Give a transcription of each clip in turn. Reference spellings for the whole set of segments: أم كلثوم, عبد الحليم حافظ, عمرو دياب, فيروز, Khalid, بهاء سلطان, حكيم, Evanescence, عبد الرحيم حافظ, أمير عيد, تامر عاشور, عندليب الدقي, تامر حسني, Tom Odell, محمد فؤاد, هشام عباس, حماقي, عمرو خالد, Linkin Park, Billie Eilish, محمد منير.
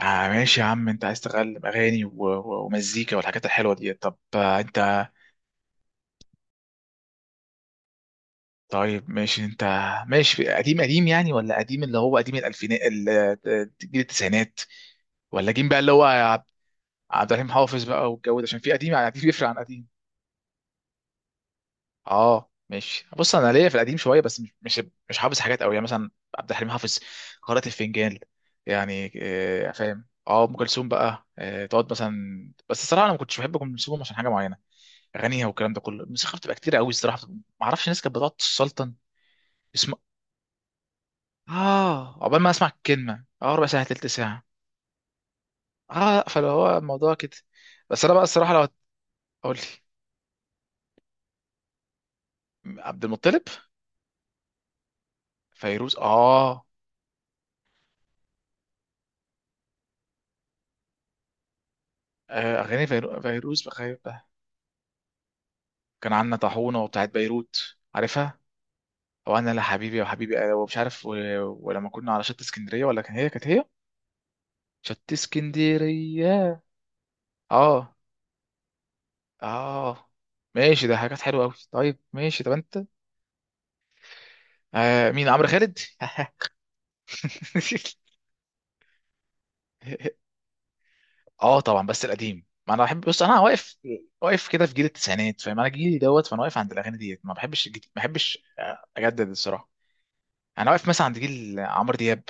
آه ماشي يا عم، انت عايز تغلب اغاني ومزيكا والحاجات الحلوه دي. طب آه انت. طيب ماشي انت. ماشي، قديم قديم يعني؟ ولا قديم اللي هو قديم الالفينات آه، جيل التسعينات. ولا جيم بقى اللي هو عبد الرحيم حافظ بقى والجو ده، عشان في قديم يعني قديم بيفرق عن قديم. اه ماشي، بص انا ليا في القديم شويه، بس مش مش حافظ حاجات قوي، يعني مثلا عبد الحليم حافظ، قارئة الفنجان. يعني فاهم؟ اه، ام كلثوم بقى، آه تقعد مثلا. بس الصراحه انا ما كنتش بحب ام كلثوم عشان حاجه معينه. اغانيها والكلام ده كله، الموسيقى بتبقى كتير قوي الصراحه. ما اعرفش، الناس كانت بتقعد تسلطن. اسم. اه، عقبال ما اسمع الكلمه اه ربع ساعه تلت ساعه. اه، فلو هو الموضوع كده. بس انا بقى الصراحه لو اقول لي. عبد المطلب. فيروز، اه. آه، اغاني فيروز بخير بقى. كان عندنا طاحونه وبتاعت بيروت، عارفها؟ او انا لا حبيبي، يا حبيبي أنا، ومش عارف ولما كنا على شط اسكندريه، ولا كان هي كانت هي. شط اسكندريه. اه. اه ماشي، ده حاجات حلوه قوي. طيب ماشي، طب انت. آه، مين؟ عمرو خالد؟ اه طبعا. بس القديم، ما انا بحب، بص انا واقف، واقف كده في جيل التسعينات، فاهم؟ انا جيلي دوت، فانا واقف عند الاغاني ديت، ما بحبش الجديد، ما بحبش آه، اجدد الصراحه. انا واقف مثلا عند جيل عمرو دياب،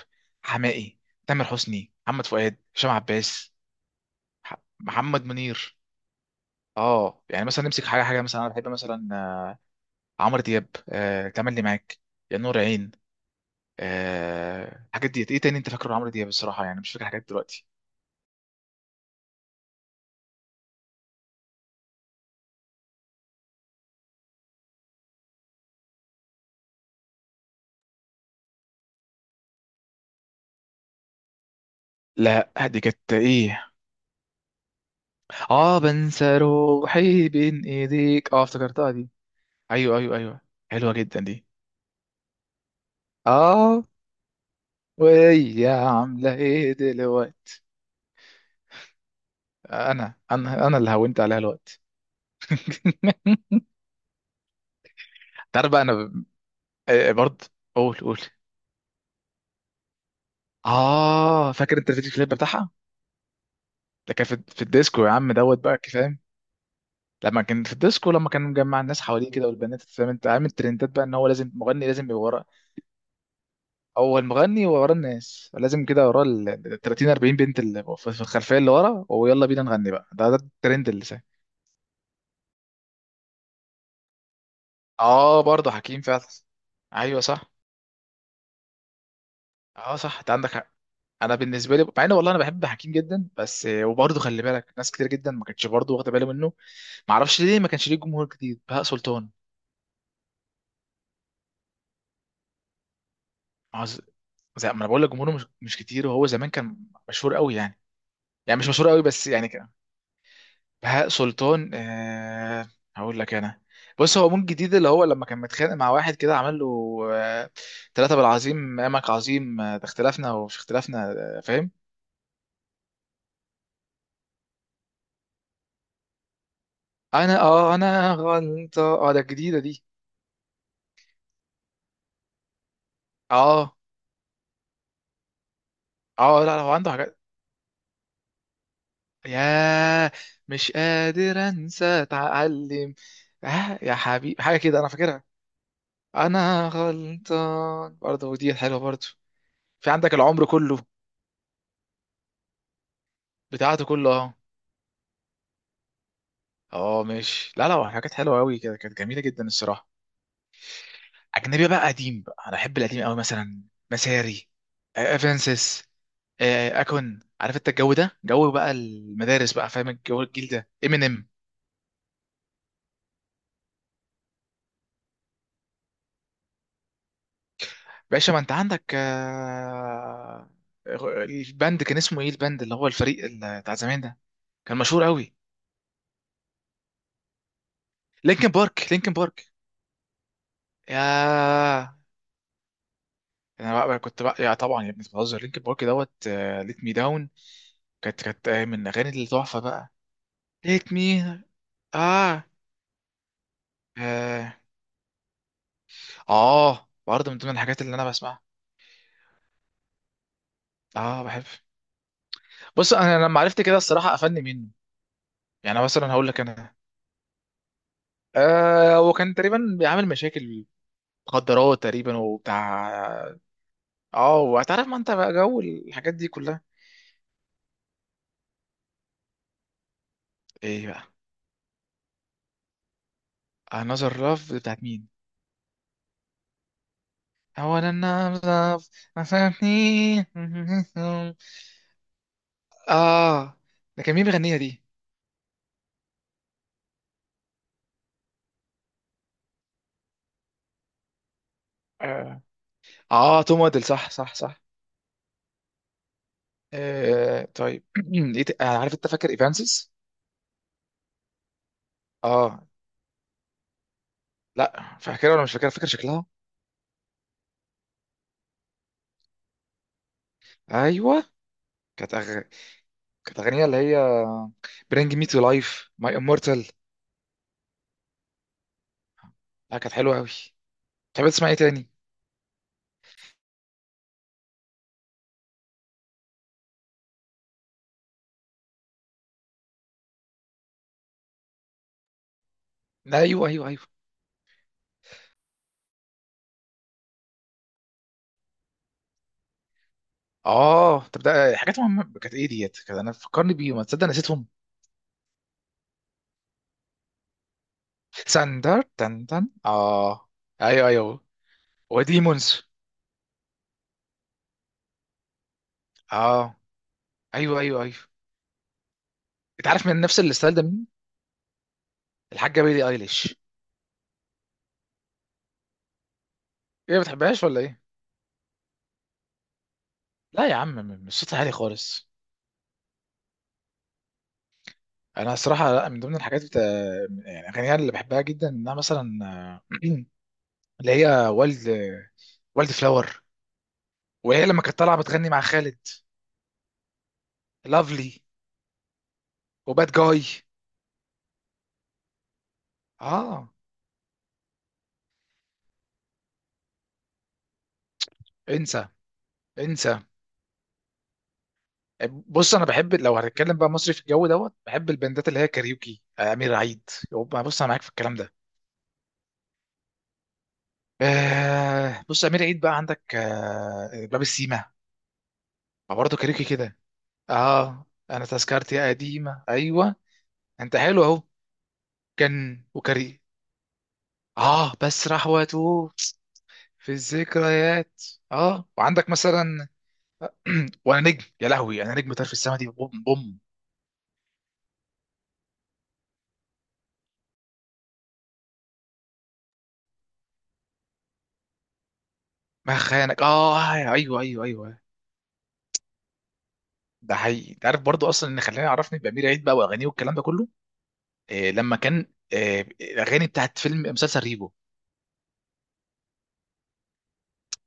حماقي، تامر حسني، محمد فؤاد، هشام عباس، محمد منير. اه يعني مثلا نمسك حاجه حاجه، مثلا انا بحب مثلا آه، عمرو دياب. آه، تملي معاك، يا نور عين. آه، الحاجات ديت. ايه تاني انت فاكره عمرو دياب؟ الصراحه يعني مش فاكر حاجات دلوقتي. لا، دي كانت ايه؟ اه، بنسى روحي بين ايديك، اه افتكرتها دي. ايوه ايوه ايوه. حلوه جدا دي. اه. وهي عامله ايه دلوقتي؟ انا اللي هونت عليها الوقت. تعرف بقى، انا آه، آه، برضه. قول قول. اه، فاكر انت الفيديو كليب بتاعها؟ ده كان في في الديسكو يا عم دوت بقى، فاهم؟ لما كان في الديسكو، لما كان مجمع الناس حواليه كده والبنات، فاهم؟ انت عامل ترندات بقى ان هو لازم مغني، لازم يبقى ورا. هو المغني ورا الناس، لازم كده ورا ال 30 40 بنت اللي في في الخلفيه اللي ورا، ويلا بينا نغني بقى، ده ده الترند اللي ساي. اه، برضه حكيم فعلا. ايوه صح. اه صح، انت عندك حق. انا بالنسبه لي، مع ان والله انا بحب حكيم جدا، بس وبرضه خلي بالك ناس كتير جدا ما كانتش برضه واخده باله منه. ما اعرفش ليه، ما كانش ليه جمهور جديد. بهاء سلطان. ما هو زي ما انا بقول لك، جمهوره مش كتير، وهو زمان كان مشهور قوي يعني. يعني مش مشهور قوي بس يعني. بهاء سلطان، آه. هقول لك انا. بص، هو مون جديد، اللي هو لما كان متخانق مع واحد كده عمل له آه، ثلاثة بالعظيم امك عظيم، آه، ده اختلافنا ومش اختلافنا. آه فاهم. انا اه، انا غلطة. اه ده الجديدة دي. اه. اه لا لا، هو عنده حاجات. يا، مش قادر انسى، اتعلم، آه يا حبيبي، حاجة كده انا فاكرها. انا غلطان برضه، ودي حلوة برضه. في عندك العمر كله. بتاعته كله، اه. اه ماشي، لا لا، حاجات حلوه قوي كده، كانت جميله جدا الصراحه. اجنبي بقى؟ قديم بقى، انا بحب القديم قوي، مثلا مساري، آه، افنسس، آه، آه، اكون عارف. انت الجو ده، جو بقى المدارس بقى، فاهم؟ الجو الجيل ده، امينيم. باشا ما انت عندك آه، الباند، كان اسمه ايه الباند اللي هو الفريق بتاع زمان ده؟ كان مشهور قوي. لينكن بارك. يا، انا بقى كنت بقى، يا طبعا يا ابني، بتهزر؟ لينكن بارك دوت، ليت مي داون، كانت كانت آه، من الاغاني التحفه بقى. ليت مي. اه. اه، آه، برضه من ضمن الحاجات اللي انا بسمعها. اه بحب. بص، انا لما عرفت كده الصراحه قفلني منه. يعني مثلا هقول لك انا، آه هو كان تقريبا بيعمل مشاكل، مخدرات تقريبا وبتاع. اه، وهتعرف، ما انت بقى جو الحاجات دي كلها. ايه بقى؟ another love بتاعت مين؟ اولا. love. ما فهمتني. اه. ده كان مين بيغنيها دي؟ اه، آه، توم وادل، صح صح صح. آه طيب. إيه آه، عارف انت فاكر ايفانسيس؟ اه. لا فاكرها ولا مش فاكرها؟ فاكر شكلها. ايوه. كانت أغ... كانت اغنيه اللي هي، برينج مي تو لايف، ماي امورتال. لا كانت حلوه قوي. تحب تسمع ايه تاني؟ لا، ايوه ايوه ايوه. اه طب ده حاجات مهمه. كانت ايه ديت؟ كانت انا فكرني بيهم، ما تصدق نسيتهم. ساندر، تن تن اه. ايوه ايوه. وديمونز. اه، ايوه ايوه ايوه. انت عارف من نفس الستايل ده مين؟ الحاجه بيلي ايليش. ايه، ما بتحبهاش ولا ايه؟ لا يا عم، مش صوتي عالي خالص. انا صراحه، لا، من ضمن الحاجات بتا... يعني اغانيها اللي بحبها جدا، انها مثلا آه، اللي هي والد، والد فلاور، وهي لما كانت طالعه بتغني مع خالد. لافلي. وباد جاي. اه. انسى. انسى. بص، انا بحب لو هنتكلم بقى مصري، في الجو دوت بحب البندات اللي هي كاريوكي، آه، امير عيد. يبقى بص انا معاك في الكلام ده. آه، بص، امير عيد بقى، عندك آه باب السيما. برضه كاريوكي كده. اه، انا تذكرتي قديمه. ايوه. انت حلو اهو. كان وكري. اه، بس راح واتوه، في الذكريات. اه، وعندك مثلا وانا نجم، يا لهوي انا نجم، طرف السما دي بوم بوم. ما خانك، اه آه، ايوه ايوه ايوه. ده حقيقي. انت عارف برضو، اصلا اللي خلاني عرفني بامير عيد بقى واغانيه والكلام ده كله، آه لما كان، آه الاغاني بتاعت فيلم، مسلسل ريبو.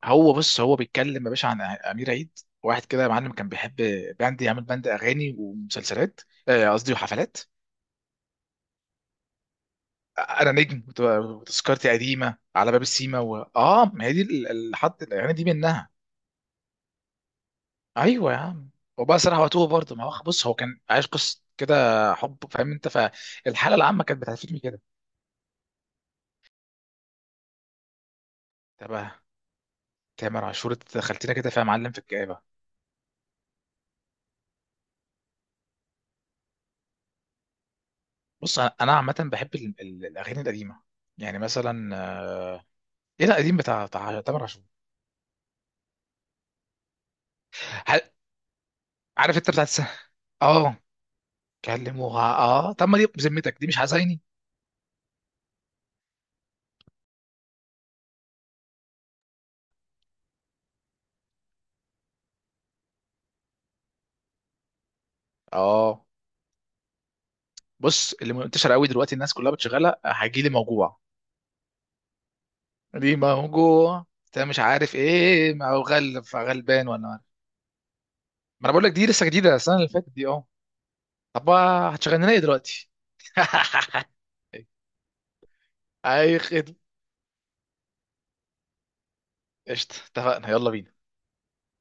هو بص، هو بيتكلم يا باشا عن امير عيد. واحد كده يا معلم كان بيحب باند، يعمل باند اغاني ومسلسلات، آه قصدي وحفلات. انا نجم وتذكرتي قديمه، على باب السيما اه ما هي دي الحد يعني دي منها. ايوه يا عم. وبقى صراحه وتوه برضه. ما هو بص، هو كان عايش قصه كده حب، فاهم انت؟ فالحاله العامه كانت بتعرفني كده. تمام. تامر عاشور، انت دخلتنا كده فيها معلم في الكآبه. بص أنا عامه بحب الاغاني القديمه، يعني مثلا آه، ايه ده القديم بتاع بتاع تامر عاشور؟ ح- عارف انت بتاعت اه، كلموها، اه. طب ما دي بذمتك دي مش حزيني؟ اه. بص اللي منتشر قوي دلوقتي الناس كلها بتشغلها، هجيلي موجوع. دي موجوع، انت مش عارف ايه، ما هو غل غلبان ولا عارف. ما انا بقول لك، دي لسه جديده، السنه اللي فاتت دي، اه. طب هتشغلنا ايه دلوقتي؟ اي خدمه. قشطه، اتفقنا، يلا بينا.